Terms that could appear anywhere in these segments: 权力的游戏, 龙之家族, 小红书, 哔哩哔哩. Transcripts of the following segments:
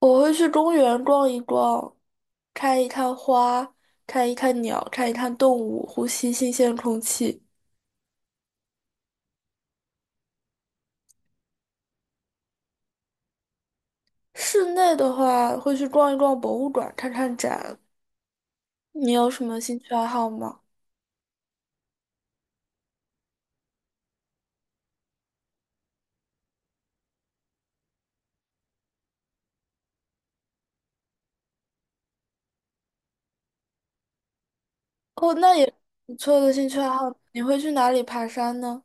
我会去公园逛一逛，看一看花，看一看鸟，看一看动物，呼吸新鲜空气。室内的话，会去逛一逛博物馆，看看展。你有什么兴趣爱好吗？哦，那也不错的兴趣爱好。你会去哪里爬山呢？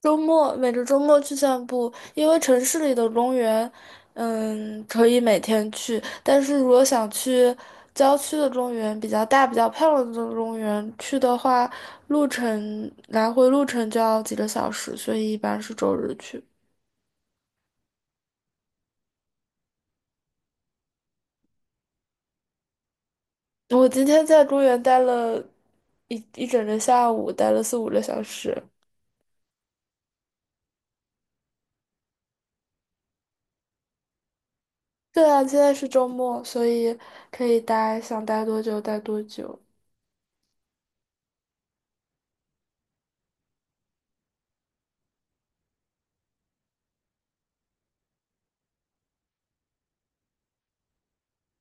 周末每个周末去散步，因为城市里的公园，嗯，可以每天去。但是如果想去郊区的公园，比较大、比较漂亮的公园去的话，路程来回路程就要几个小时，所以一般是周日去。我今天在公园待了一整个下午，待了四五个小时。对啊，现在是周末，所以可以待，想待多久待多久。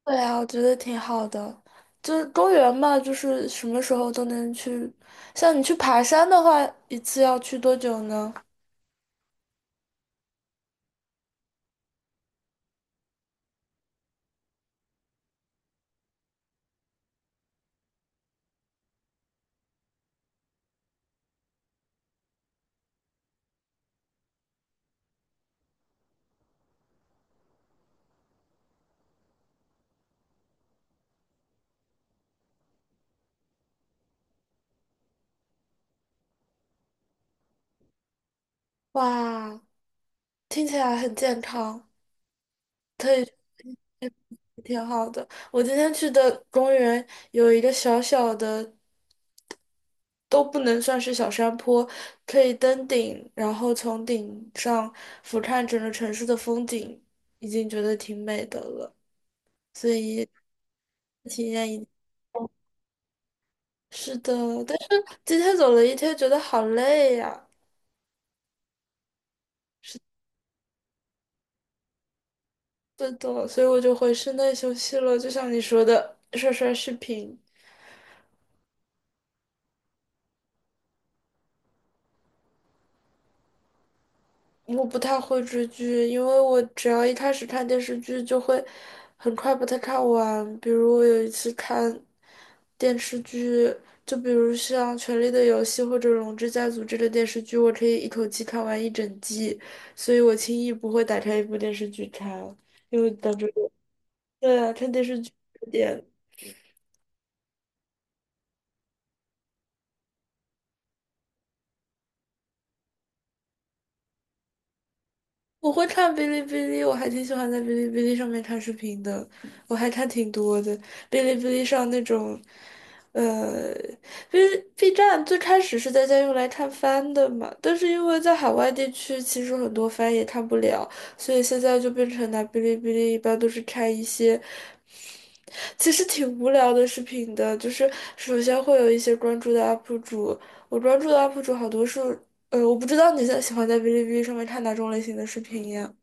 对啊，我觉得挺好的。就是公园嘛，就是什么时候都能去。像你去爬山的话，一次要去多久呢？哇，听起来很健康，可以，挺好的。我今天去的公园有一个小小的，都不能算是小山坡，可以登顶，然后从顶上俯瞰整个城市的风景，已经觉得挺美的了。所以体验一。是的，但是今天走了一天，觉得好累呀。是的，所以我就回室内休息了。就像你说的，刷刷视频。我不太会追剧，因为我只要一开始看电视剧，就会很快把它看完。比如我有一次看电视剧，就比如像《权力的游戏》或者《龙之家族》这类电视剧，我可以一口气看完一整季，所以我轻易不会打开一部电视剧看，因为感觉对啊，看电视剧有点。我会看哔哩哔哩，我还挺喜欢在哔哩哔哩上面看视频的，我还看挺多的。哔哩哔哩上那种，呃，B B 站最开始是大家用来看番的嘛，但是因为在海外地区，其实很多番也看不了，所以现在就变成拿哔哩哔哩，一般都是看一些其实挺无聊的视频的，就是首先会有一些关注的 UP 主，我关注的 UP 主好多是，我不知道你在喜欢在哔哩哔哩上面看哪种类型的视频呀。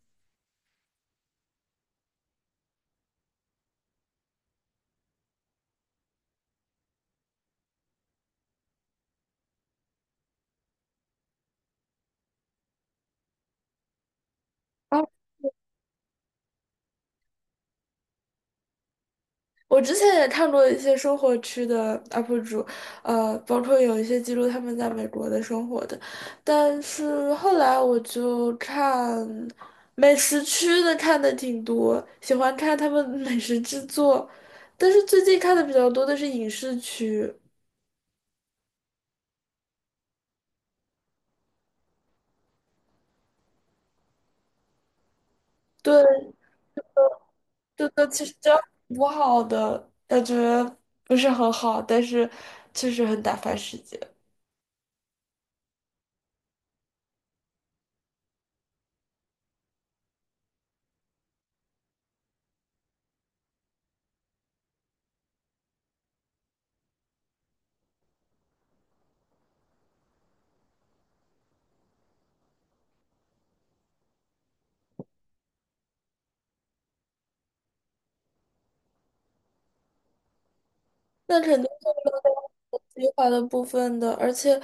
我之前也看过一些生活区的 UP 主，包括有一些记录他们在美国的生活的，但是后来我就看美食区的看的挺多，喜欢看他们美食制作，但是最近看的比较多的是影视区，对，这个其实不好的，感觉不是很好，但是确实很打发时间。那肯定会漏掉我计划的部分的，而且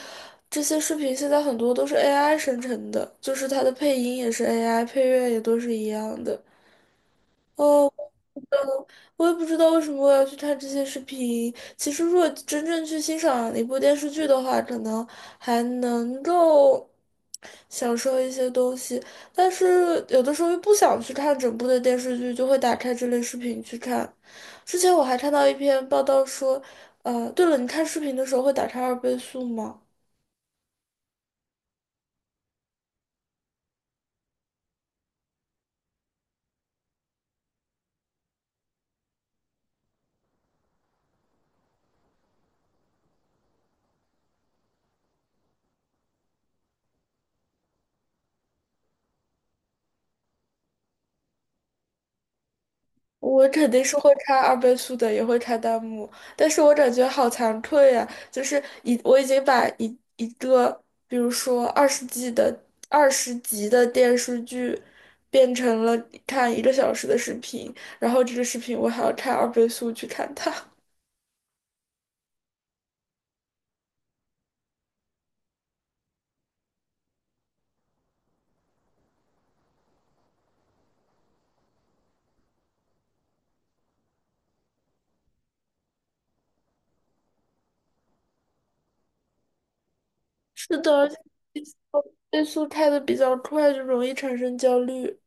这些视频现在很多都是 AI 生成的，就是它的配音也是 AI，配乐也都是一样的。哦，我也不知道为什么我要去看这些视频。其实，如果真正去欣赏一部电视剧的话，可能还能够享受一些东西，但是有的时候又不想去看整部的电视剧，就会打开这类视频去看。之前我还看到一篇报道说，对了，你看视频的时候会打开二倍速吗？我肯定是会看二倍速的，也会看弹幕，但是我感觉好惭愧呀、就是我已经把一个，比如说二十集的电视剧，变成了看一个小时的视频，然后这个视频我还要看二倍速去看它。是的，而且倍速开的比较快，就容易产生焦虑。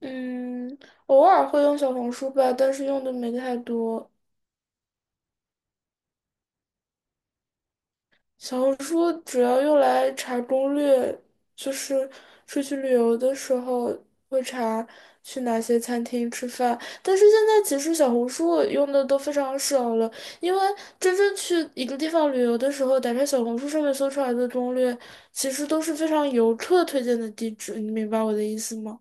嗯，偶尔会用小红书吧，但是用的没太多。小红书主要用来查攻略，就是出去旅游的时候会查去哪些餐厅吃饭。但是现在其实小红书我用的都非常少了，因为真正去一个地方旅游的时候，打开小红书上面搜出来的攻略，其实都是非常游客推荐的地址。你明白我的意思吗？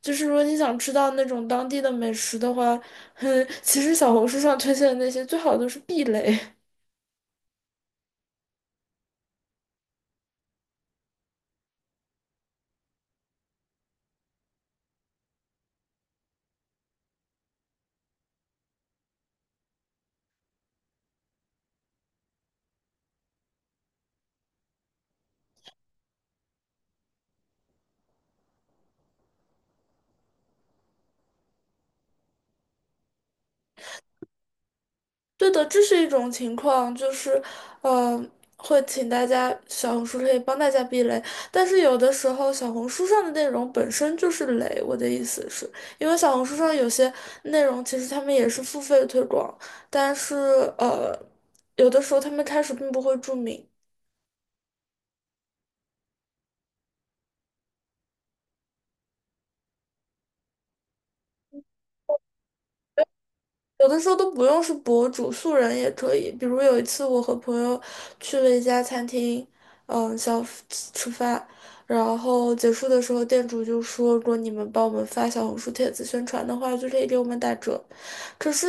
就是如果你想吃到那种当地的美食的话，哼，其实小红书上推荐的那些最好都是避雷。对的，这是一种情况，就是，呃，会请大家小红书可以帮大家避雷，但是有的时候小红书上的内容本身就是雷，我的意思是，因为小红书上有些内容其实他们也是付费推广，但是呃，有的时候他们开始并不会注明，有的时候都不用是博主，素人也可以。比如有一次，我和朋友去了一家餐厅，嗯，吃饭，然后结束的时候，店主就说，如果你们帮我们发小红书帖子宣传的话，就可以给我们打折。可是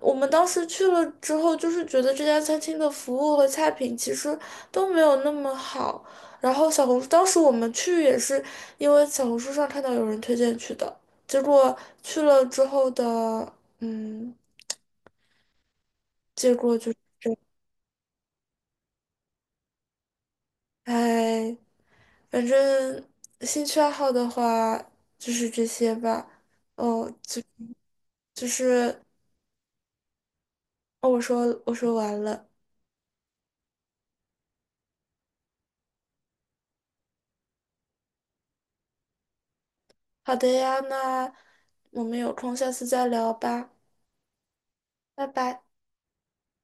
我们当时去了之后，就是觉得这家餐厅的服务和菜品其实都没有那么好。然后小红书，当时我们去也是因为小红书上看到有人推荐去的，结果去了之后的，嗯。结果就是，哎，反正兴趣爱好的话就是这些吧。哦，就是，哦，我说我说完了。好的呀，那我们有空下次再聊吧，拜拜。